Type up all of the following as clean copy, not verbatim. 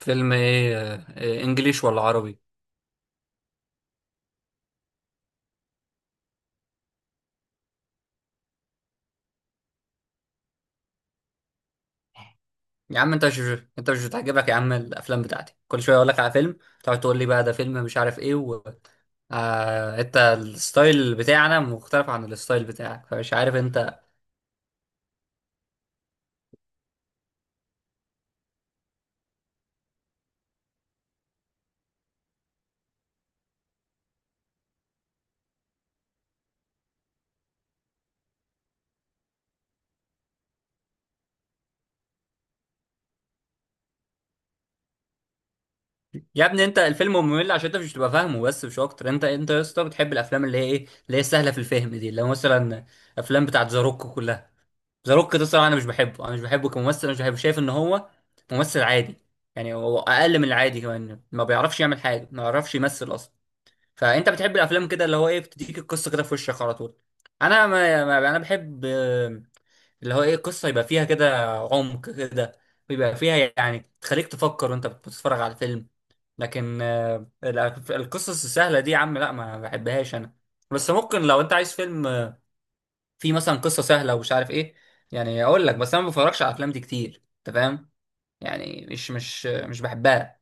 فيلم ايه؟ انجليش ولا عربي؟ يا عم انت مش بتعجبك يا عم الافلام بتاعتي، كل شويه اقول لك على فيلم، تقعد تقول لي بقى ده فيلم مش عارف ايه آه، انت الستايل بتاعنا مختلف عن الستايل بتاعك، فمش عارف انت. يا ابني، انت الفيلم ممل عشان انت مش بتبقى فاهمه، بس مش اكتر. انت يا اسطى بتحب الافلام اللي هي ايه، اللي هي سهله في الفهم دي، اللي هو مثلا افلام بتاعت ذا روك كلها. ذا روك ده الصراحه انا مش بحبه، انا مش بحبه كممثل، انا مش بحبه، شايف ان هو ممثل عادي، يعني هو اقل من العادي كمان، ما بيعرفش يعمل حاجه، ما بيعرفش يمثل اصلا. فانت بتحب الافلام كده اللي هو ايه بتديك القصه كده في وشك على طول. انا ما ما- انا بحب اللي هو ايه، القصه يبقى فيها كده عمق كده، ويبقى فيها يعني تخليك تفكر وانت بتتفرج على الفيلم. لكن آه، القصص السهله دي يا عم لا، ما بحبهاش انا. بس ممكن لو انت عايز فيلم في مثلا قصه سهله ومش عارف ايه، يعني اقول لك، بس انا ما بفرجش على الافلام دي كتير، انت فاهم؟ يعني مش بحبها.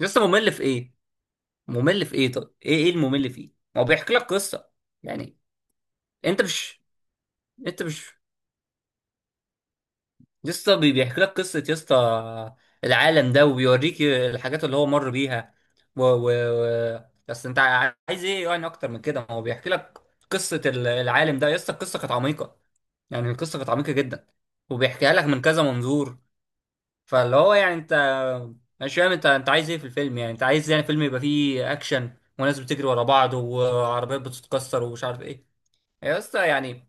لسه ممل في ايه؟ ممل في ايه؟ طب ايه الممل فيه؟ ما هو بيحكي لك قصه يعني. انت مش انت مش لسه بيحكي لك قصه يا اسطى، العالم ده، وبيوريك الحاجات اللي هو مر بيها و... و... بس انت عايز ايه يعني اكتر من كده؟ ما هو بيحكي لك قصه العالم ده يا اسطى. القصه كانت عميقه، يعني القصه كانت عميقه جدا، وبيحكيها لك من كذا منظور. فاللي هو يعني انت مش فاهم، انت عايز ايه في الفيلم؟ يعني انت عايز يعني فيلم يبقى فيه اكشن وناس بتجري ورا بعض وعربيات بتتكسر ومش عارف ايه يا اسطى؟ يعني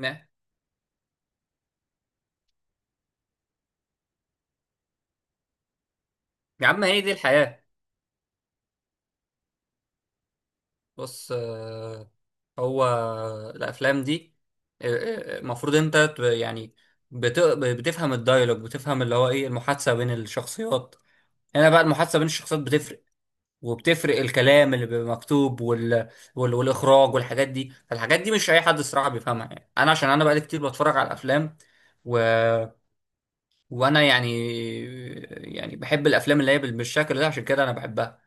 نه. يا عم هي دي الحياة. بص هو الافلام دي آه، المفروض انت يعني بتفهم الدايلوج، بتفهم اللي هو ايه، المحادثة بين الشخصيات. هنا بقى المحادثة بين الشخصيات بتفرق، وبتفرق الكلام اللي بيبقى مكتوب والاخراج والحاجات دي. فالحاجات دي مش اي حد الصراحه بيفهمها، يعني انا عشان انا بقالي كتير بتفرج على الافلام و... وانا يعني، يعني بحب الافلام اللي هي بالشكل ده، عشان كده انا بحبها.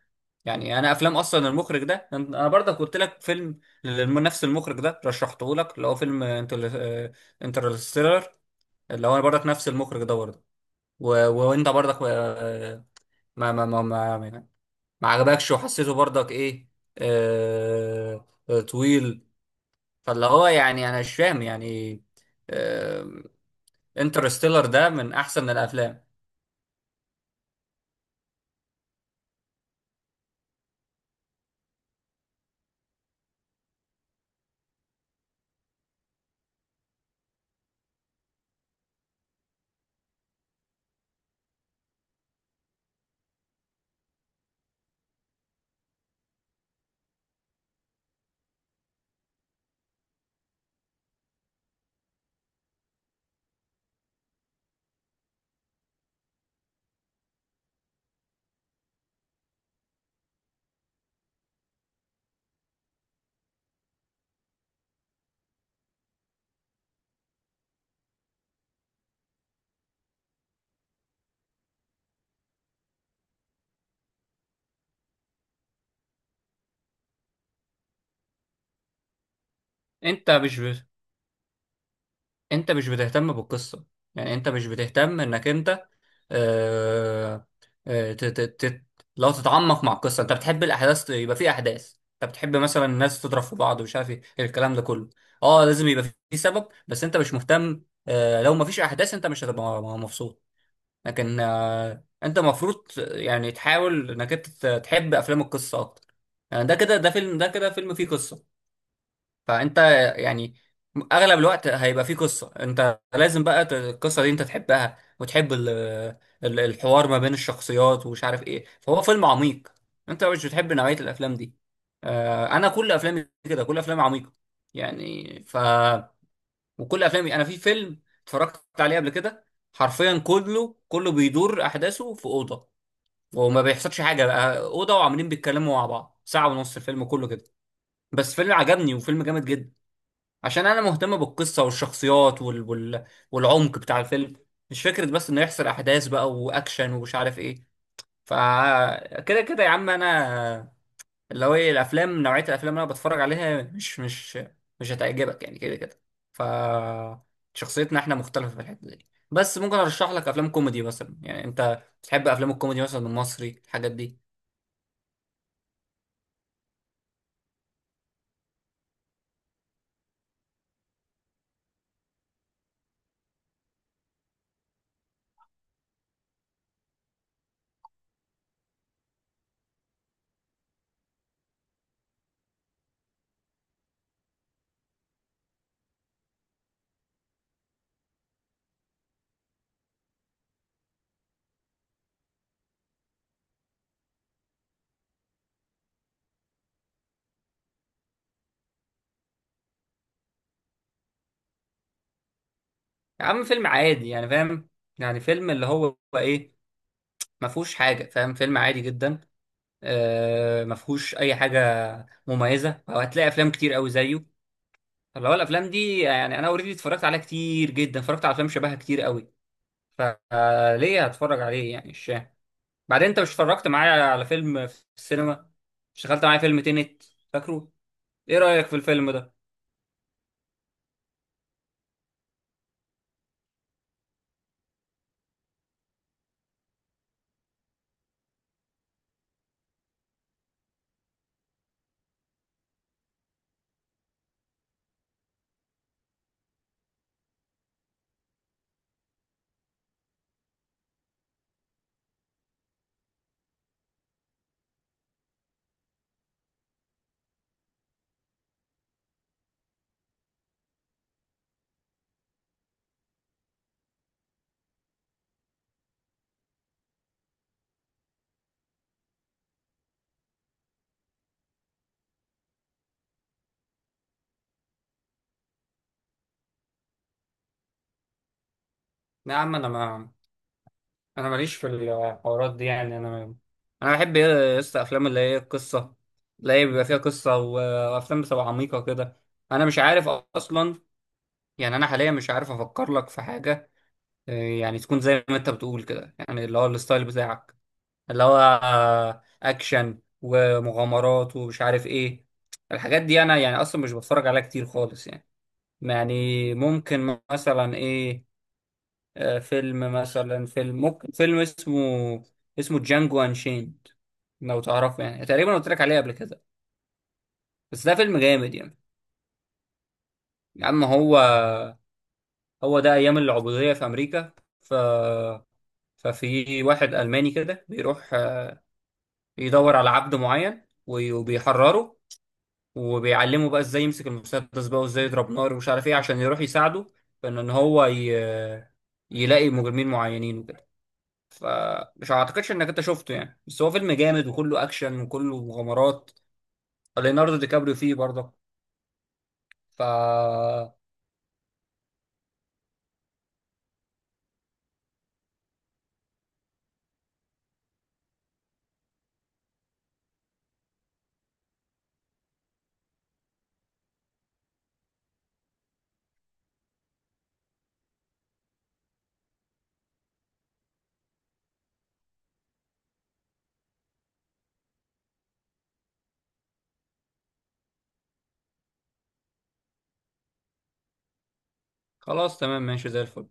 يعني انا افلام اصلا المخرج ده، انا برضك قلت لك فيلم لنفس المخرج ده، رشحته لك، اللي هو فيلم انترستيلر، اللي هو برضك نفس المخرج ده برضه. وانت برضك ما ما ما, ما ما عجبكش، وحسيته برضك ايه؟ طويل. فاللي هو يعني انا مش فاهم يعني. آه، انترستيلر ده من احسن الافلام. انت مش ب... انت مش بتهتم بالقصة، يعني انت مش بتهتم انك انت آه آه ت... ت... ت... لو تتعمق مع القصة. انت بتحب الاحداث، يبقى في احداث، انت بتحب مثلا الناس تضرب في بعض ومش عارف ايه الكلام ده كله. اه، لازم يبقى في سبب، بس انت مش مهتم. آه لو مفيش احداث انت مش هتبقى مبسوط. لكن آه، انت المفروض يعني تحاول انك انت تحب افلام القصه اكتر. يعني ده كده، ده فيلم، ده كده فيلم فيه قصه. فانت يعني اغلب الوقت هيبقى فيه قصه، انت لازم بقى القصه دي انت تحبها، وتحب الحوار ما بين الشخصيات ومش عارف ايه، فهو فيلم عميق. انت مش بتحب نوعيه الافلام دي. انا كل افلامي كده، كل افلامي عميقه يعني. وكل افلامي، انا في فيلم اتفرجت عليه قبل كده حرفيا كله بيدور احداثه في اوضه، وما بيحصلش حاجه، بقى اوضه وعمالين بيتكلموا مع بعض ساعه ونص الفيلم كله كده، بس فيلم عجبني وفيلم جامد جدا، عشان انا مهتم بالقصه والشخصيات والعمق بتاع الفيلم. مش فكره بس انه يحصل احداث بقى واكشن ومش عارف ايه. فكده كده يا عم، انا اللي هو ايه، الافلام نوعيه الافلام اللي انا بتفرج عليها مش هتعجبك يعني، كده. ف شخصيتنا احنا مختلفه في الحته دي. بس ممكن ارشح لك افلام كوميدي مثلا، يعني انت بتحب افلام الكوميدي مثلا المصري، الحاجات دي. يا عم فيلم عادي يعني، فاهم؟ يعني فيلم اللي هو ايه، ما فيهوش حاجه، فاهم؟ فيلم عادي جدا، آه ما فيهوش اي حاجه مميزه، وهتلاقي افلام كتير قوي زيه. اللي هو الافلام دي يعني انا اوريدي اتفرجت عليها كتير جدا، اتفرجت على افلام شبهها كتير قوي، فليه هتفرج عليه يعني؟ مش فاهم. بعدين انت مش اتفرجت معايا على فيلم في السينما، اشتغلت معايا فيلم تينت؟ فاكره؟ ايه رأيك في الفيلم ده؟ لا يا عم انا ما انا ماليش في الحوارات دي يعني. انا بحب ايه يا اسطى؟ افلام اللي هي ايه؟ القصه، اللي هي بيبقى فيها قصه، وافلام بتبقى عميقه كده. انا مش عارف اصلا يعني، انا حاليا مش عارف افكر لك في حاجه يعني تكون زي ما انت بتقول كده، يعني اللي هو الستايل بتاعك، اللي هو اكشن ومغامرات ومش عارف ايه. الحاجات دي انا يعني اصلا مش بتفرج عليها كتير خالص يعني. يعني ممكن مثلا ايه، فيلم مثلا، فيلم اسمه جانجو انشيند، لو تعرفه يعني، تقريبا قلت لك عليه قبل كده. بس ده فيلم جامد يعني. يا عم هو هو ده ايام العبودية في امريكا. ف ففي واحد الماني كده بيروح يدور على عبد معين وبيحرره، وبيعلمه بقى ازاي يمسك المسدس بقى وازاي يضرب نار ومش عارف ايه، عشان يروح يساعده في ان إن هو يلاقي مجرمين معينين وكده. فمش اعتقدش انك انت شفته يعني، بس هو فيلم جامد، وكله اكشن وكله مغامرات. ليوناردو دي كابريو فيه برضه. ف خلاص تمام، ماشي زي الفل.